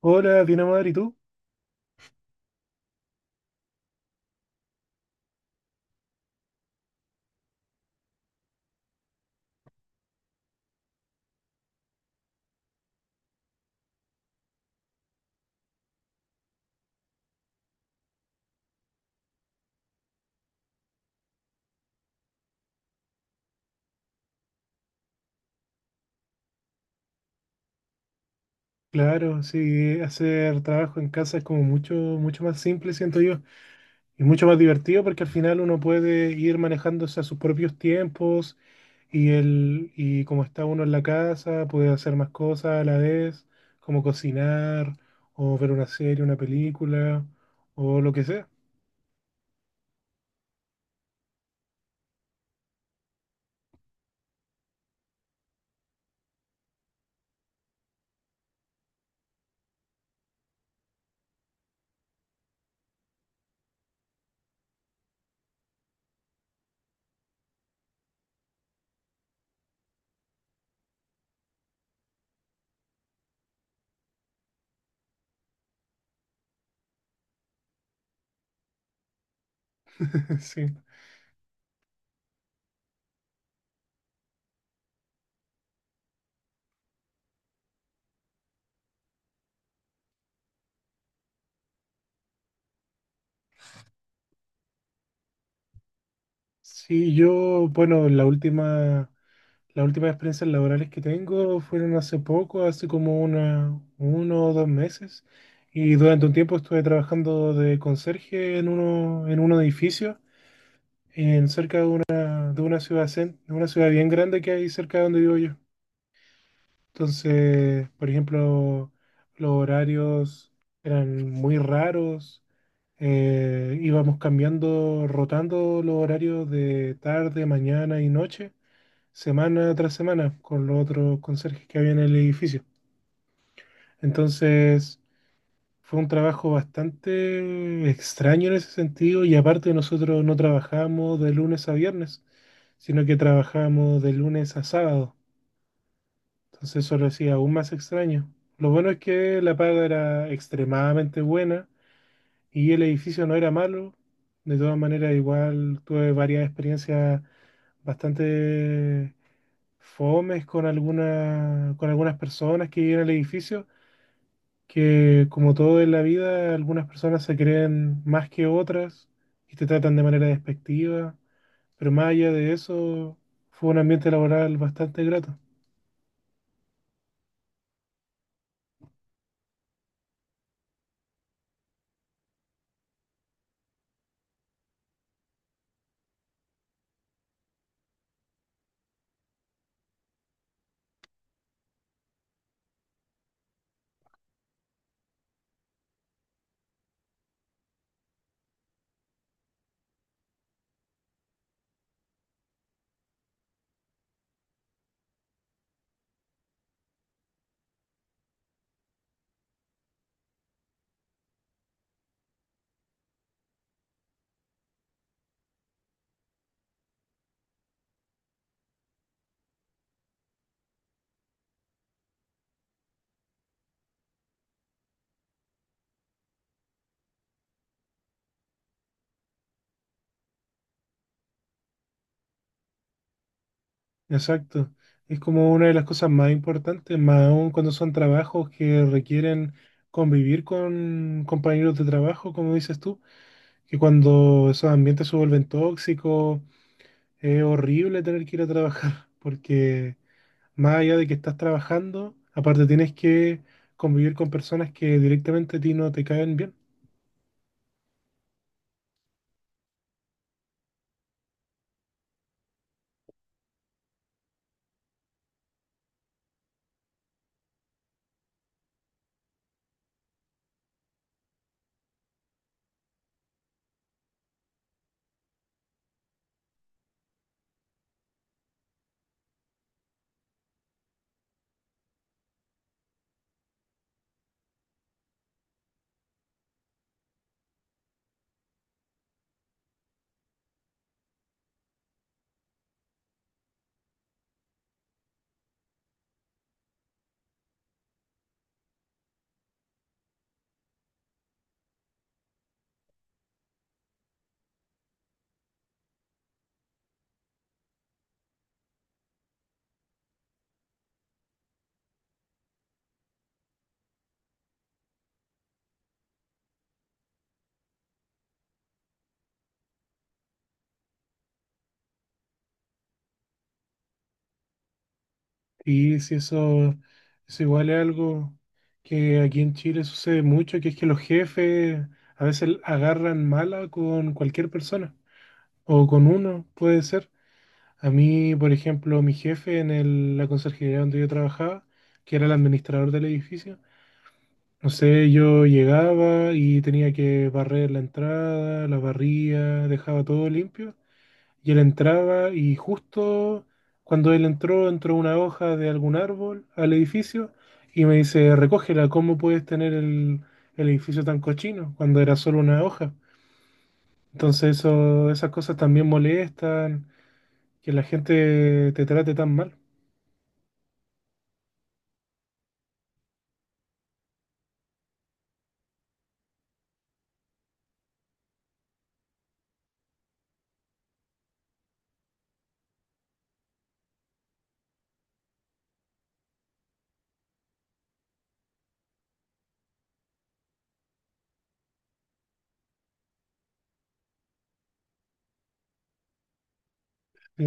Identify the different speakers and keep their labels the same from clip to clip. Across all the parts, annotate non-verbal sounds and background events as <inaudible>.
Speaker 1: Hola, bien madre, ¿y tú? Claro, sí, hacer trabajo en casa es como mucho, mucho más simple, siento yo, y mucho más divertido porque al final uno puede ir manejándose a sus propios tiempos y como está uno en la casa, puede hacer más cosas a la vez, como cocinar o ver una serie, una película o lo que sea. <laughs> Sí, sí, yo, bueno, Las últimas experiencias laborales que tengo fueron hace poco, hace como uno o dos meses, y durante un tiempo estuve trabajando de conserje en un edificio, en cerca de una ciudad, de una ciudad bien grande que hay cerca de donde vivo yo. Entonces, por ejemplo, los horarios eran muy raros. Íbamos cambiando, rotando los horarios de tarde, mañana y noche semana tras semana con los otros conserjes que había en el edificio. Entonces fue un trabajo bastante extraño en ese sentido y, aparte, nosotros no trabajábamos de lunes a viernes, sino que trabajábamos de lunes a sábado. Entonces eso lo hacía aún más extraño. Lo bueno es que la paga era extremadamente buena y el edificio no era malo. De todas maneras, igual tuve varias experiencias bastante fomes con con algunas personas que viven al edificio, que, como todo en la vida, algunas personas se creen más que otras y te tratan de manera despectiva, pero más allá de eso, fue un ambiente laboral bastante grato. Exacto. Es como una de las cosas más importantes, más aún cuando son trabajos que requieren convivir con compañeros de trabajo, como dices tú, que cuando esos ambientes se vuelven tóxicos, es horrible tener que ir a trabajar, <laughs> porque más allá de que estás trabajando, aparte tienes que convivir con personas que directamente a ti no te caen bien. Y si eso, eso igual es algo que aquí en Chile sucede mucho, que es que los jefes a veces agarran mala con cualquier persona, o con uno, puede ser. A mí, por ejemplo, mi jefe en la conserjería donde yo trabajaba, que era el administrador del edificio, no sé, yo llegaba y tenía que barrer la entrada, la barría, dejaba todo limpio. Y él entraba y justo cuando él entró, entró una hoja de algún árbol al edificio y me dice, recógela, ¿cómo puedes tener el edificio tan cochino cuando era solo una hoja? Entonces esas cosas también molestan, que la gente te trate tan mal. Sí,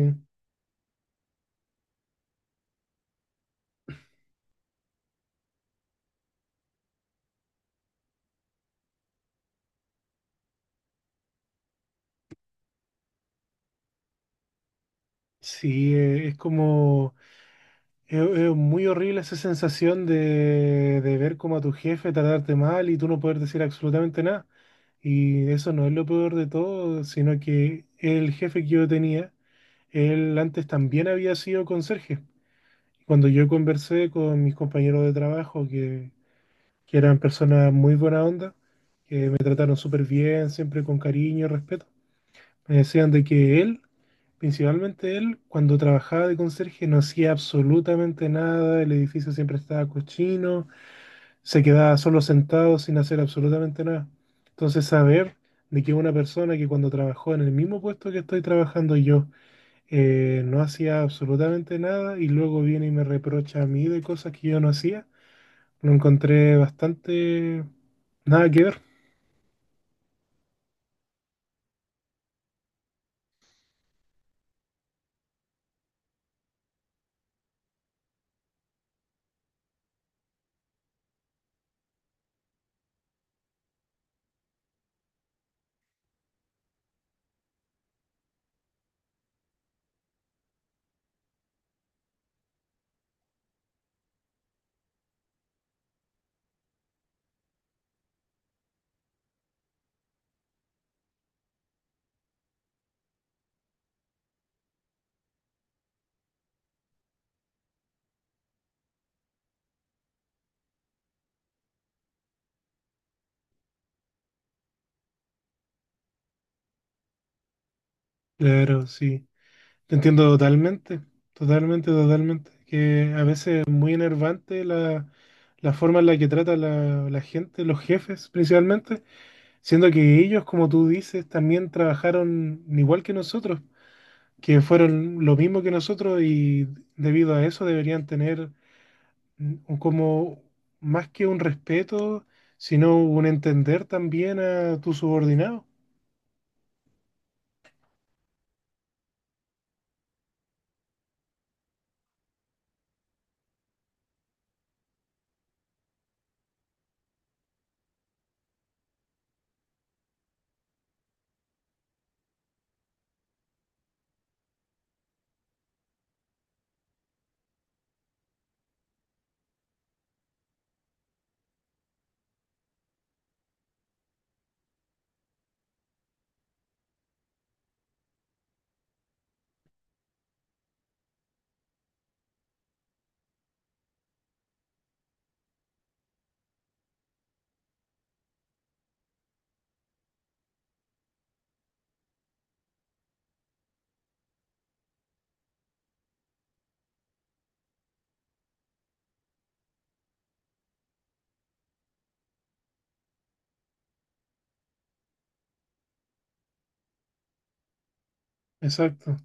Speaker 1: sí, Es muy horrible esa sensación de ver como a tu jefe tratarte mal y tú no poder decir absolutamente nada. Y eso no es lo peor de todo, sino que el jefe que yo tenía, él antes también había sido conserje. Cuando yo conversé con mis compañeros de trabajo, que eran personas muy buena onda, que me trataron súper bien, siempre con cariño y respeto, me decían de que él principalmente él, cuando trabajaba de conserje, no hacía absolutamente nada, el edificio siempre estaba cochino, se quedaba solo sentado sin hacer absolutamente nada. Entonces, saber de que una persona que, cuando trabajó en el mismo puesto que estoy trabajando yo, no hacía absolutamente nada y luego viene y me reprocha a mí de cosas que yo no hacía, lo encontré bastante nada que ver. Claro, sí. Te entiendo totalmente, totalmente, totalmente. Que a veces es muy enervante la forma en la que trata la gente, los jefes principalmente, siendo que ellos, como tú dices, también trabajaron igual que nosotros, que fueron lo mismo que nosotros, y debido a eso deberían tener como más que un respeto, sino un entender también a tu subordinado. Exacto.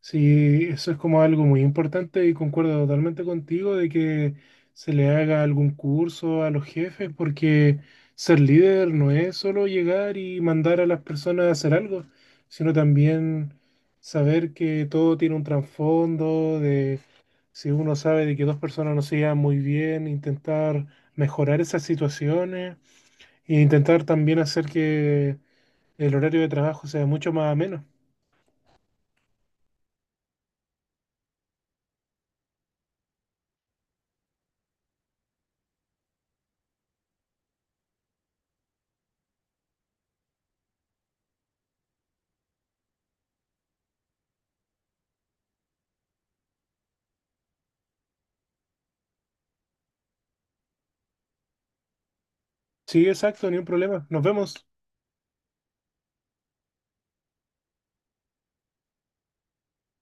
Speaker 1: Sí, eso es como algo muy importante y concuerdo totalmente contigo de que se le haga algún curso a los jefes, porque ser líder no es solo llegar y mandar a las personas a hacer algo, sino también saber que todo tiene un trasfondo de si uno sabe de que dos personas no se llevan muy bien, intentar mejorar esas situaciones e intentar también hacer que el horario de trabajo sea mucho más ameno. Sí, exacto, ni un problema. Nos vemos.